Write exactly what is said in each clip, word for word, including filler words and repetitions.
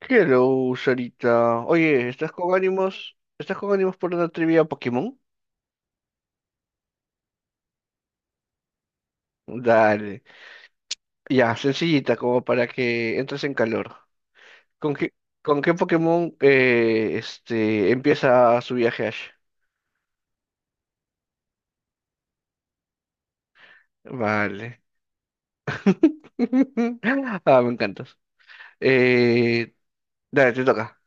Hello, Sarita. Oye, ¿estás con ánimos? ¿Estás con ánimos por una trivia Pokémon? Dale. Ya, sencillita, como para que entres en calor. ¿Con qué, con qué Pokémon eh, este, empieza su viaje Ash? Vale. Ah, me encantas. Eh, Dale, te toca.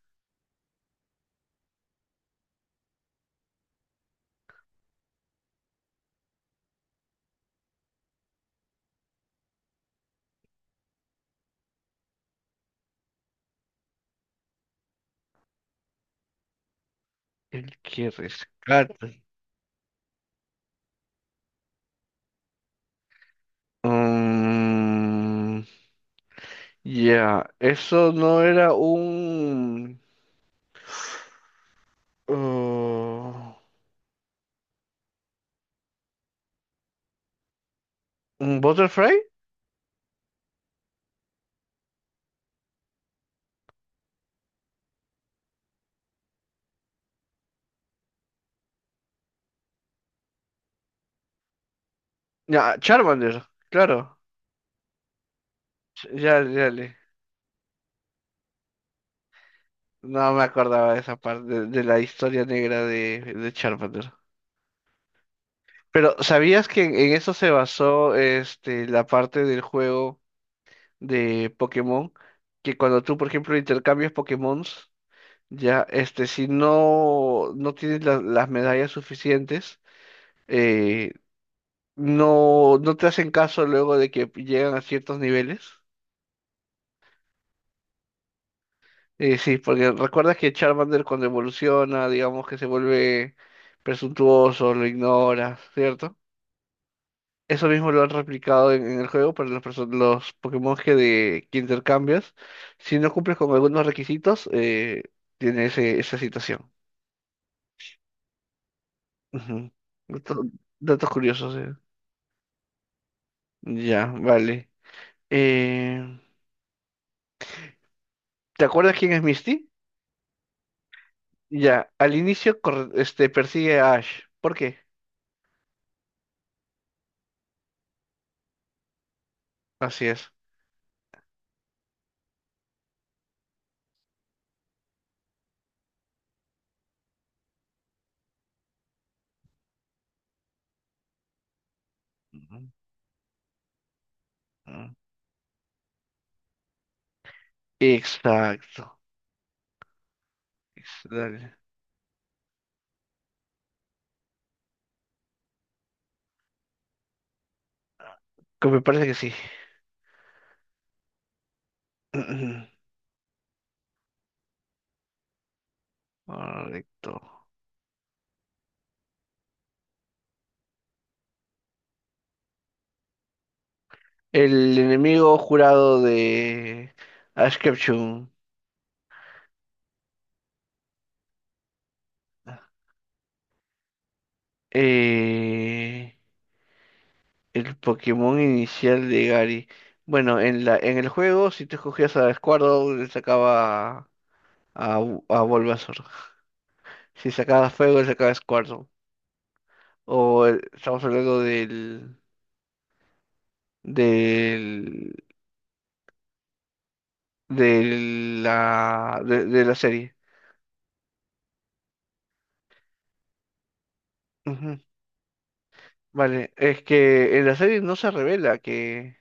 El que rescata. Mm, ya, eso no era un... uh, ¿un Butterfly? Ya, Charmander, claro. Ya, ya le. No me acordaba de esa parte de, de la historia negra de, de Charmander. Pero, ¿sabías que en, en eso se basó este la parte del juego de Pokémon? Que cuando tú, por ejemplo, intercambias Pokémon, ya, este, si no, no tienes la- las medallas suficientes, eh, no, no te hacen caso luego de que llegan a ciertos niveles. Eh, sí, porque recuerdas que Charmander cuando evoluciona, digamos que se vuelve presuntuoso, lo ignora, ¿cierto? Eso mismo lo han replicado en, en el juego para los, perso- los Pokémon que, de, que intercambias. Si no cumples con algunos requisitos, eh, tiene ese, esa situación. Ujú. Dato- Datos curiosos, eh. Ya, vale. Eh, ¿te acuerdas quién es Misty? Ya, al inicio corre- este, persigue a Ash. ¿Por qué? Así es. Ujú, ujú. Exacto. Dale. Que me parece que sí. Correcto. El enemigo jurado de Ash Ketchum. Eh, el Pokémon inicial de Gary. Bueno, en la, en el juego, si tú escogías a Squirtle, le sacaba a, Bu- a Bulbasaur. Si sacabas fuego, le sacaba a Squirtle. O el- estamos hablando del, del, de la, de, de la serie. Vale, es que en la serie no se revela que,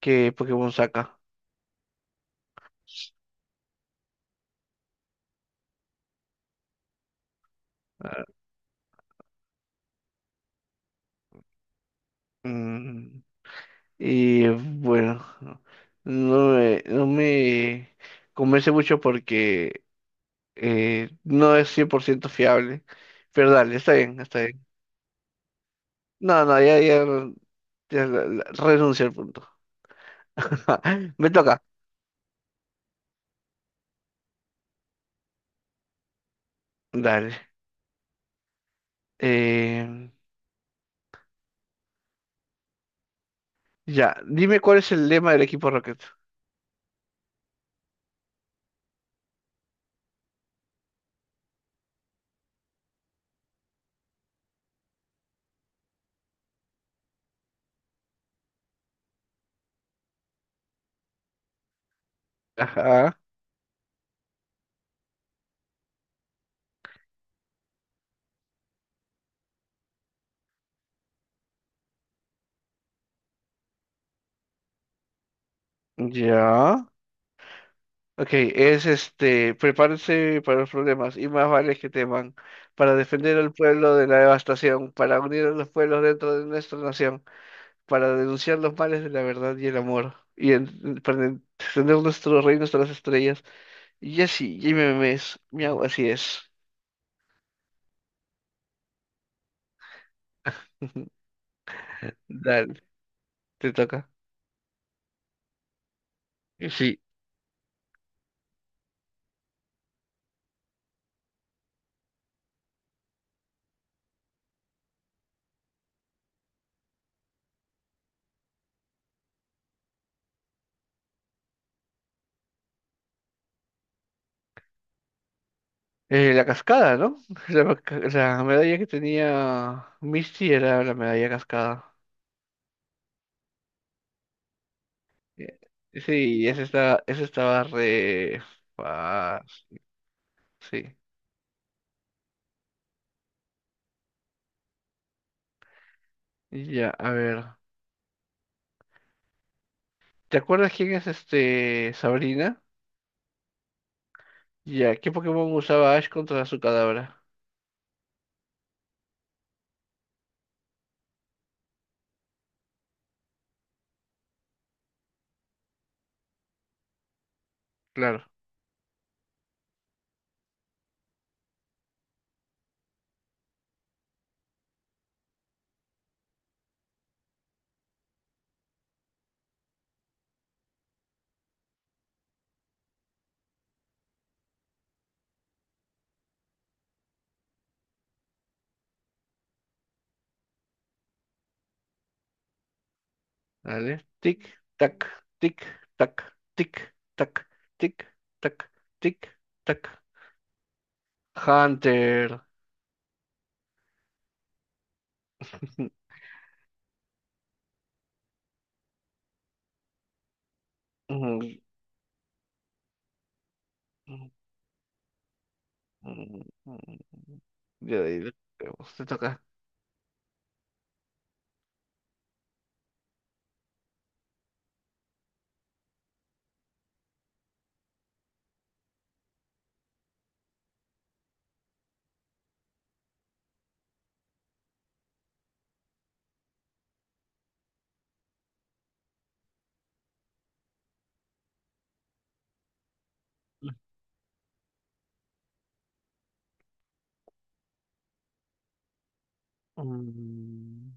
que Pokémon saca. Ah, mm, y bueno, no me, no me convence mucho porque eh, no es cien por ciento fiable. Pero dale, está bien, está bien. No, no, ya, ya, ya la- la- renuncio al punto. Me toca. Dale. Eh, ya, dime cuál es el lema del equipo Rocket. Ajá, ya. Ok, es este, prepárense para los problemas y más vale que teman para defender al pueblo de la devastación, para unir a los pueblos dentro de nuestra nación, para denunciar los males de la verdad y el amor y en- para extender nuestro reino hasta las estrellas. Y así, y me memes, miau, así es. Dale, te toca. Sí, eh, la cascada, ¿no? La, ca- la medalla que tenía Misty era la medalla cascada. Eh, Sí, ese estaba, ese estaba re fácil. Sí. Y ya, a ver. ¿Te acuerdas quién es este Sabrina? Ya, ¿qué Pokémon usaba Ash contra su cadáver? Claro. Dale. Tic, tac, tic, tac, tic, tac, tic, tac, tic, tac. Hunter. Mm, mm, mm, mm. Ya, de ahí lo vemos. Te toca. Mm,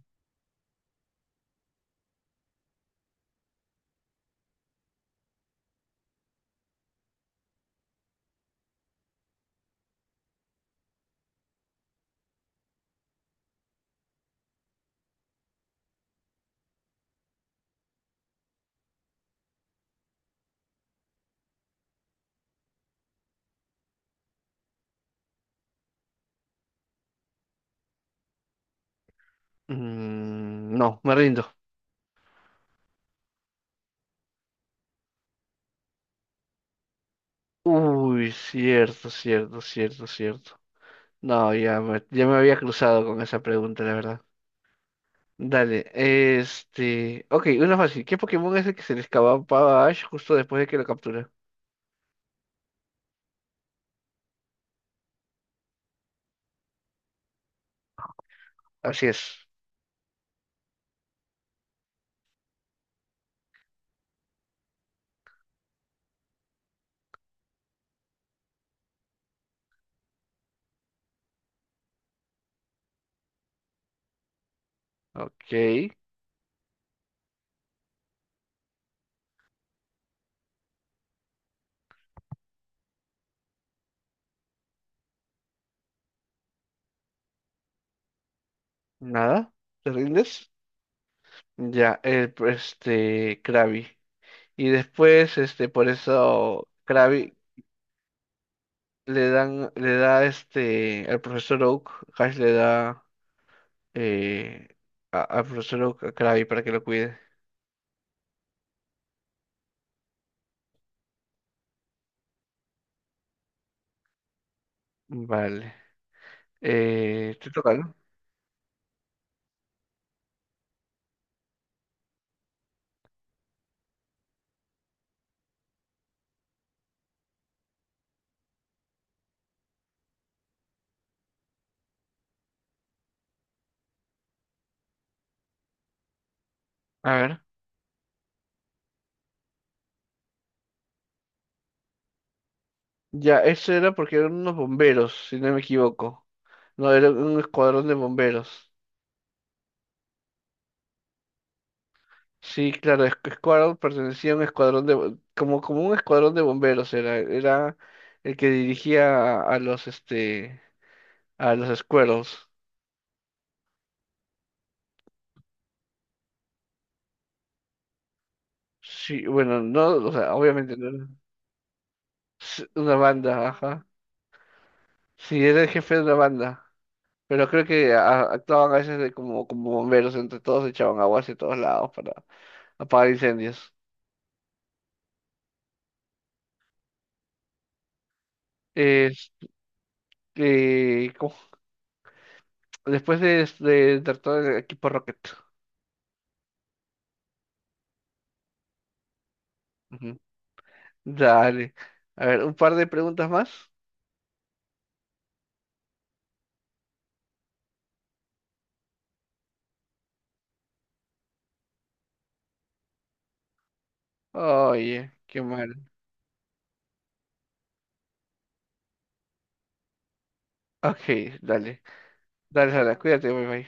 mm, no, me rindo. Uy, cierto, cierto, cierto, cierto. No, ya me, ya me había cruzado con esa pregunta, la verdad. Dale, este... Ok, una fácil. ¿Qué Pokémon es el que se le escapaba a Ash justo después de que lo captura? Así es. Ok, nada. ¿Te rindes? Ya, el, este, Krabby. Y después, este, por eso Krabby le dan, le da, este, al profesor Oak, Ash le da, eh, a- al profesor Oak a Krabby para que lo cuide. Vale. Eh, te toca, ¿no? A ver. Ya, eso era porque eran unos bomberos, si no me equivoco. No, era un escuadrón de bomberos. Sí, claro, es- escuadrón pertenecía a un escuadrón de... bo- como, como un escuadrón de bomberos era. Era el que dirigía a, a los, este... a los Squirrels. Sí, bueno, no, o sea, obviamente no era s- una banda, ajá. Sí, era el jefe de una banda. Pero creo que a- actuaban a veces de como, como bomberos, entre todos echaban agua hacia todos lados para... apagar incendios. Es- eh, ¿cómo? Después de, de, de todo equipo Rocket. Ujú. Dale. A ver, un par de preguntas más. Oye, qué mal. Ok, dale. Dale, Sara, cuídate, bye bye.